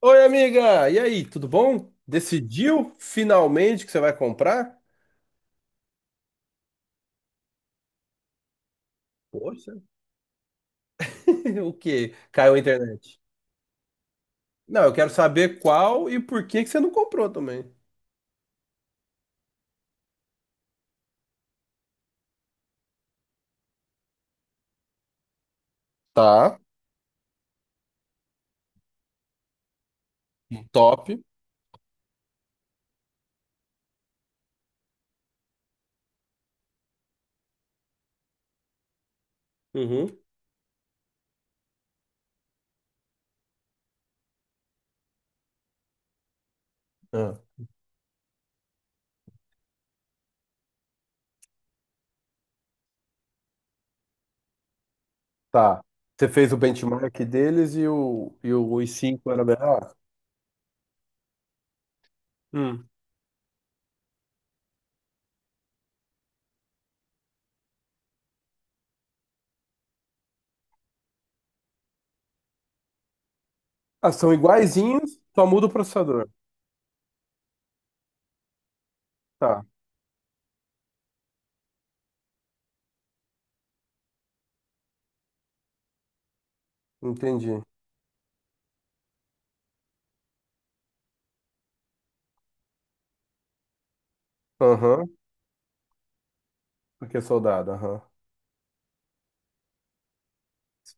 Oi, amiga! E aí, tudo bom? Decidiu finalmente que você vai comprar? Poxa. O quê? Caiu a internet. Não, eu quero saber qual e por que que você não comprou também. Tá, top. Uhum. Ah, tá. Você fez o benchmark deles e o i cinco era melhor? Hum. Ah, são iguaizinhos, só muda o processador. Tá, entendi. Aham, porque é soldado, aham.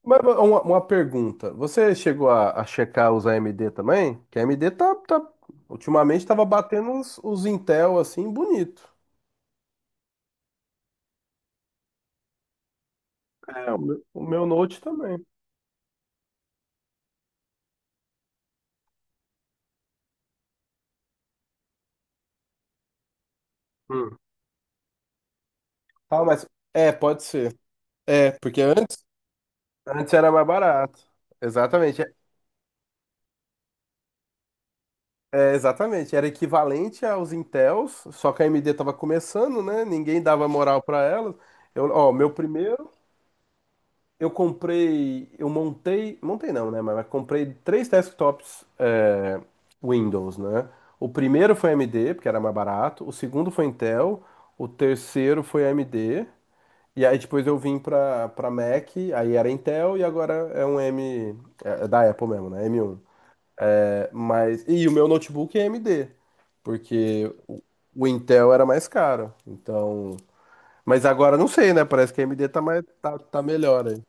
Mas uma pergunta. Você chegou a checar os AMD também? Que a AMD tá, ultimamente tava batendo os Intel assim, bonito. É, o meu Note também. Hum. Ah, mas é, pode ser. É, porque antes, antes era mais barato. Exatamente. Exatamente. Era equivalente aos Intels, só que a AMD tava começando, né? Ninguém dava moral para elas. Eu, ó, meu primeiro eu comprei, eu montei, montei não, né? Mas comprei três desktops é, Windows, né? O primeiro foi AMD, porque era mais barato. O segundo foi Intel. O terceiro foi AMD. E aí depois eu vim pra Mac, aí era Intel e agora é um M, é, é da Apple mesmo, né? M um. É, mas, e o meu notebook é AMD, porque o Intel era mais caro. Então, mas agora não sei, né? Parece que a AMD tá mais, tá, tá melhor aí.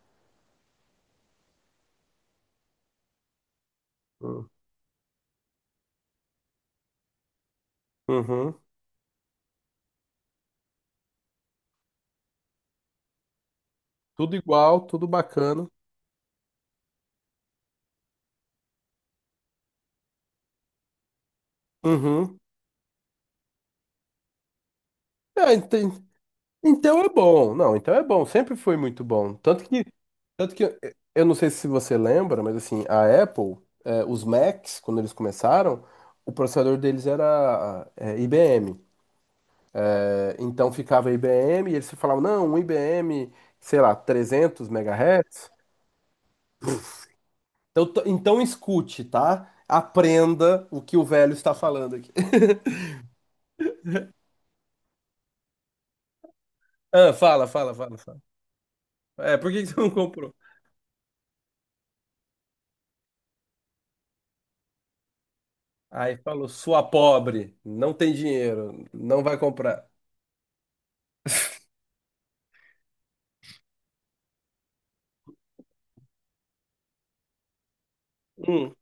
Uhum. Tudo igual, tudo bacana. Uhum. É, enten- então é bom. Não, então é bom. Sempre foi muito bom. Tanto que eu não sei se você lembra, mas assim, a Apple, os Macs, quando eles começaram, o processador deles era IBM. Então ficava IBM e eles falavam, não, um IBM, sei lá, 300 MHz. Então, então escute, tá? Aprenda o que o velho está falando aqui. Ah, fala, fala, fala, fala. É, por que que você não comprou? Aí falou, sua pobre, não tem dinheiro, não vai comprar. Hum,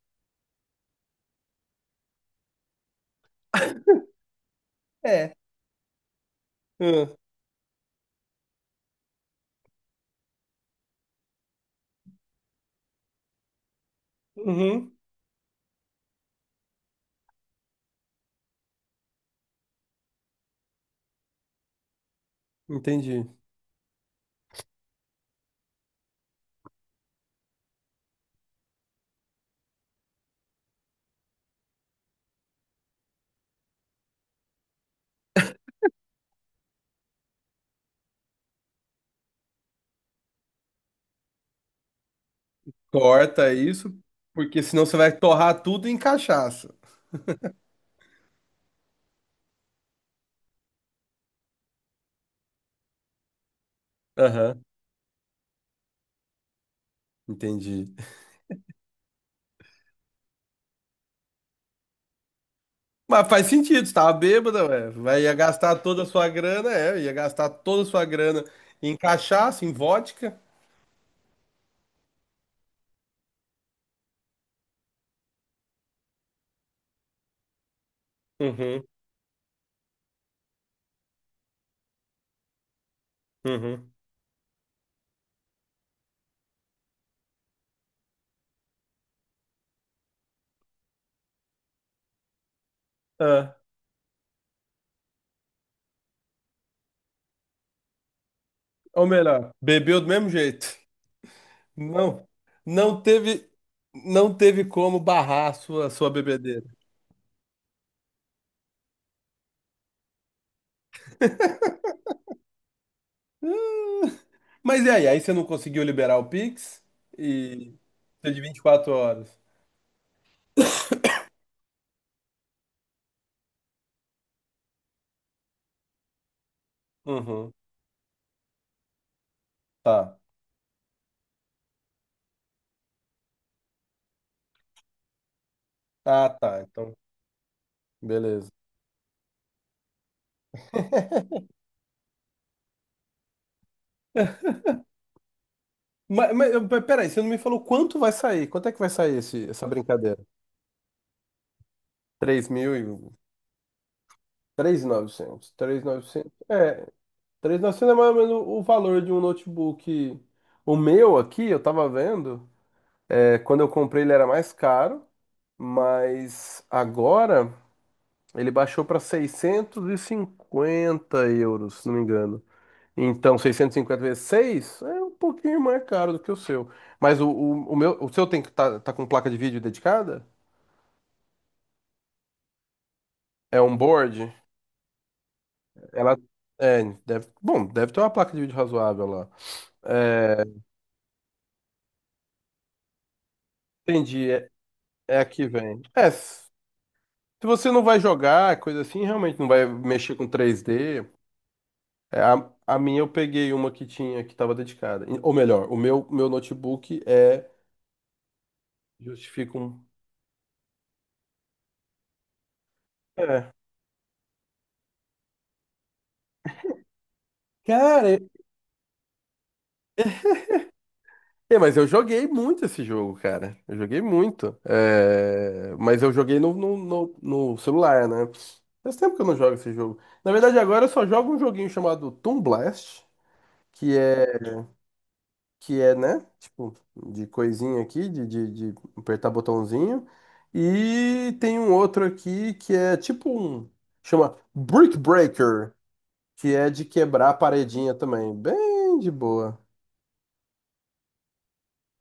é. Hum, uhum, entendi. Corta isso, porque senão você vai torrar tudo em cachaça. Aham, entendi. Mas faz sentido, você tava bêbada, ué. Vai, ia gastar toda a sua grana, é, ia gastar toda a sua grana em cachaça, em vodka. Uhum, uhum. Ah, ou melhor, bebeu do mesmo jeito. Não, não teve, não teve como barrar a sua bebedeira. Mas e aí? Aí você não conseguiu liberar o Pix e precisa de 24 horas. Uhum. Tá. Ah, tá. Então, beleza. Mas, peraí, você não me falou quanto vai sair? Quanto é que vai sair essa brincadeira? 3 mil e... 3.900. Novecentos. Três mil e novecentos. É, três mil e novecentos é mais ou menos o valor de um notebook. O meu aqui, eu tava vendo, é, quando eu comprei ele era mais caro, mas agora... Ele baixou para 650 euros, se não me engano. Então, 650 vezes 6 é um pouquinho mais caro do que o seu. Mas o seu tem que tá, tá com placa de vídeo dedicada? É um board? Ela é, deve, bom, deve ter uma placa de vídeo razoável lá. É, entendi, é, é aqui vem. É, se você não vai jogar, coisa assim, realmente não vai mexer com 3D. É, a minha eu peguei uma que tinha que estava dedicada. Ou melhor, meu notebook é justificam. É. Cara, é, mas eu joguei muito esse jogo, cara. Eu joguei muito. É, mas eu joguei no celular, né? Faz tempo que eu não jogo esse jogo. Na verdade, agora eu só jogo um joguinho chamado Toon Blast, que é, que é, né? Tipo, de coisinha aqui, de apertar botãozinho. E tem um outro aqui que é tipo um. Chama Brick Breaker, que é de quebrar a paredinha também. Bem de boa.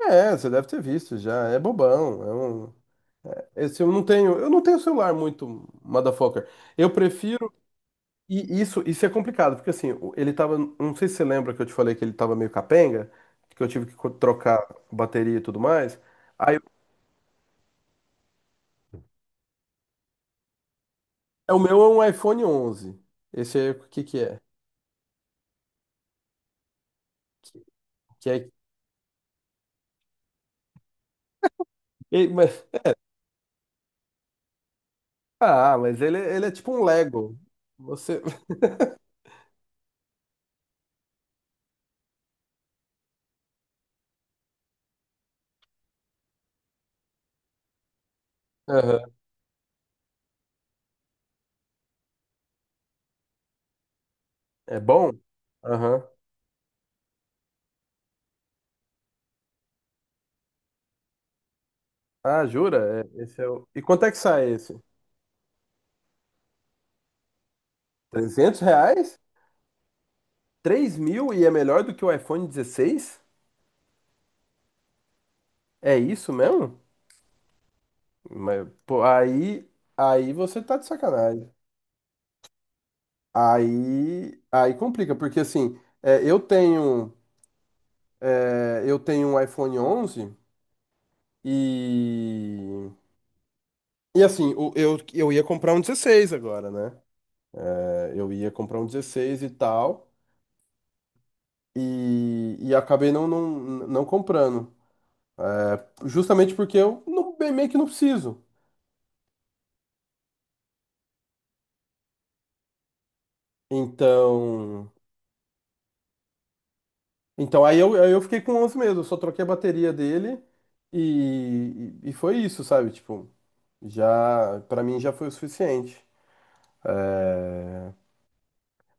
É, você deve ter visto já. É bobão. É um... Esse eu não tenho celular muito, motherfucker. Eu prefiro. E isso é complicado, porque assim, ele tava. Não sei se você lembra que eu te falei que ele tava meio capenga, que eu tive que trocar bateria e tudo mais. Aí é, o meu é um iPhone 11. Esse aí, o que que é? Que é... e- mas- Ah, mas ele é tipo um Lego. Você. Aham. É bom? Aham. Ah, jura? É, esse é o... E quanto é que sai esse? R$ 300? 3.000 e é melhor do que o iPhone 16? É isso mesmo? Mas, pô, aí, aí você tá de sacanagem. Aí, aí complica, porque assim, é, eu tenho um iPhone 11 e e assim, eu ia comprar um 16 agora, né? É, eu ia comprar um dezesseis e tal e acabei não comprando, é, justamente porque eu não, bem meio que não preciso. Então, então, aí eu fiquei com 11 mesmo, eu só troquei a bateria dele e foi isso, sabe? Tipo, já, pra mim já foi o suficiente. É,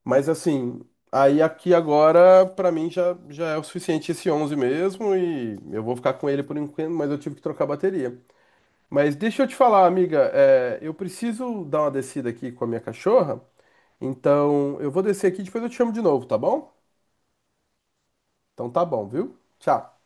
mas assim, aí aqui agora, pra mim já, já é o suficiente esse 11 mesmo e eu vou ficar com ele por enquanto, mas eu tive que trocar a bateria. Mas deixa eu te falar, amiga, é, eu preciso dar uma descida aqui com a minha cachorra, então eu vou descer aqui e depois eu te chamo de novo, tá bom? Então tá bom, viu? Tchau.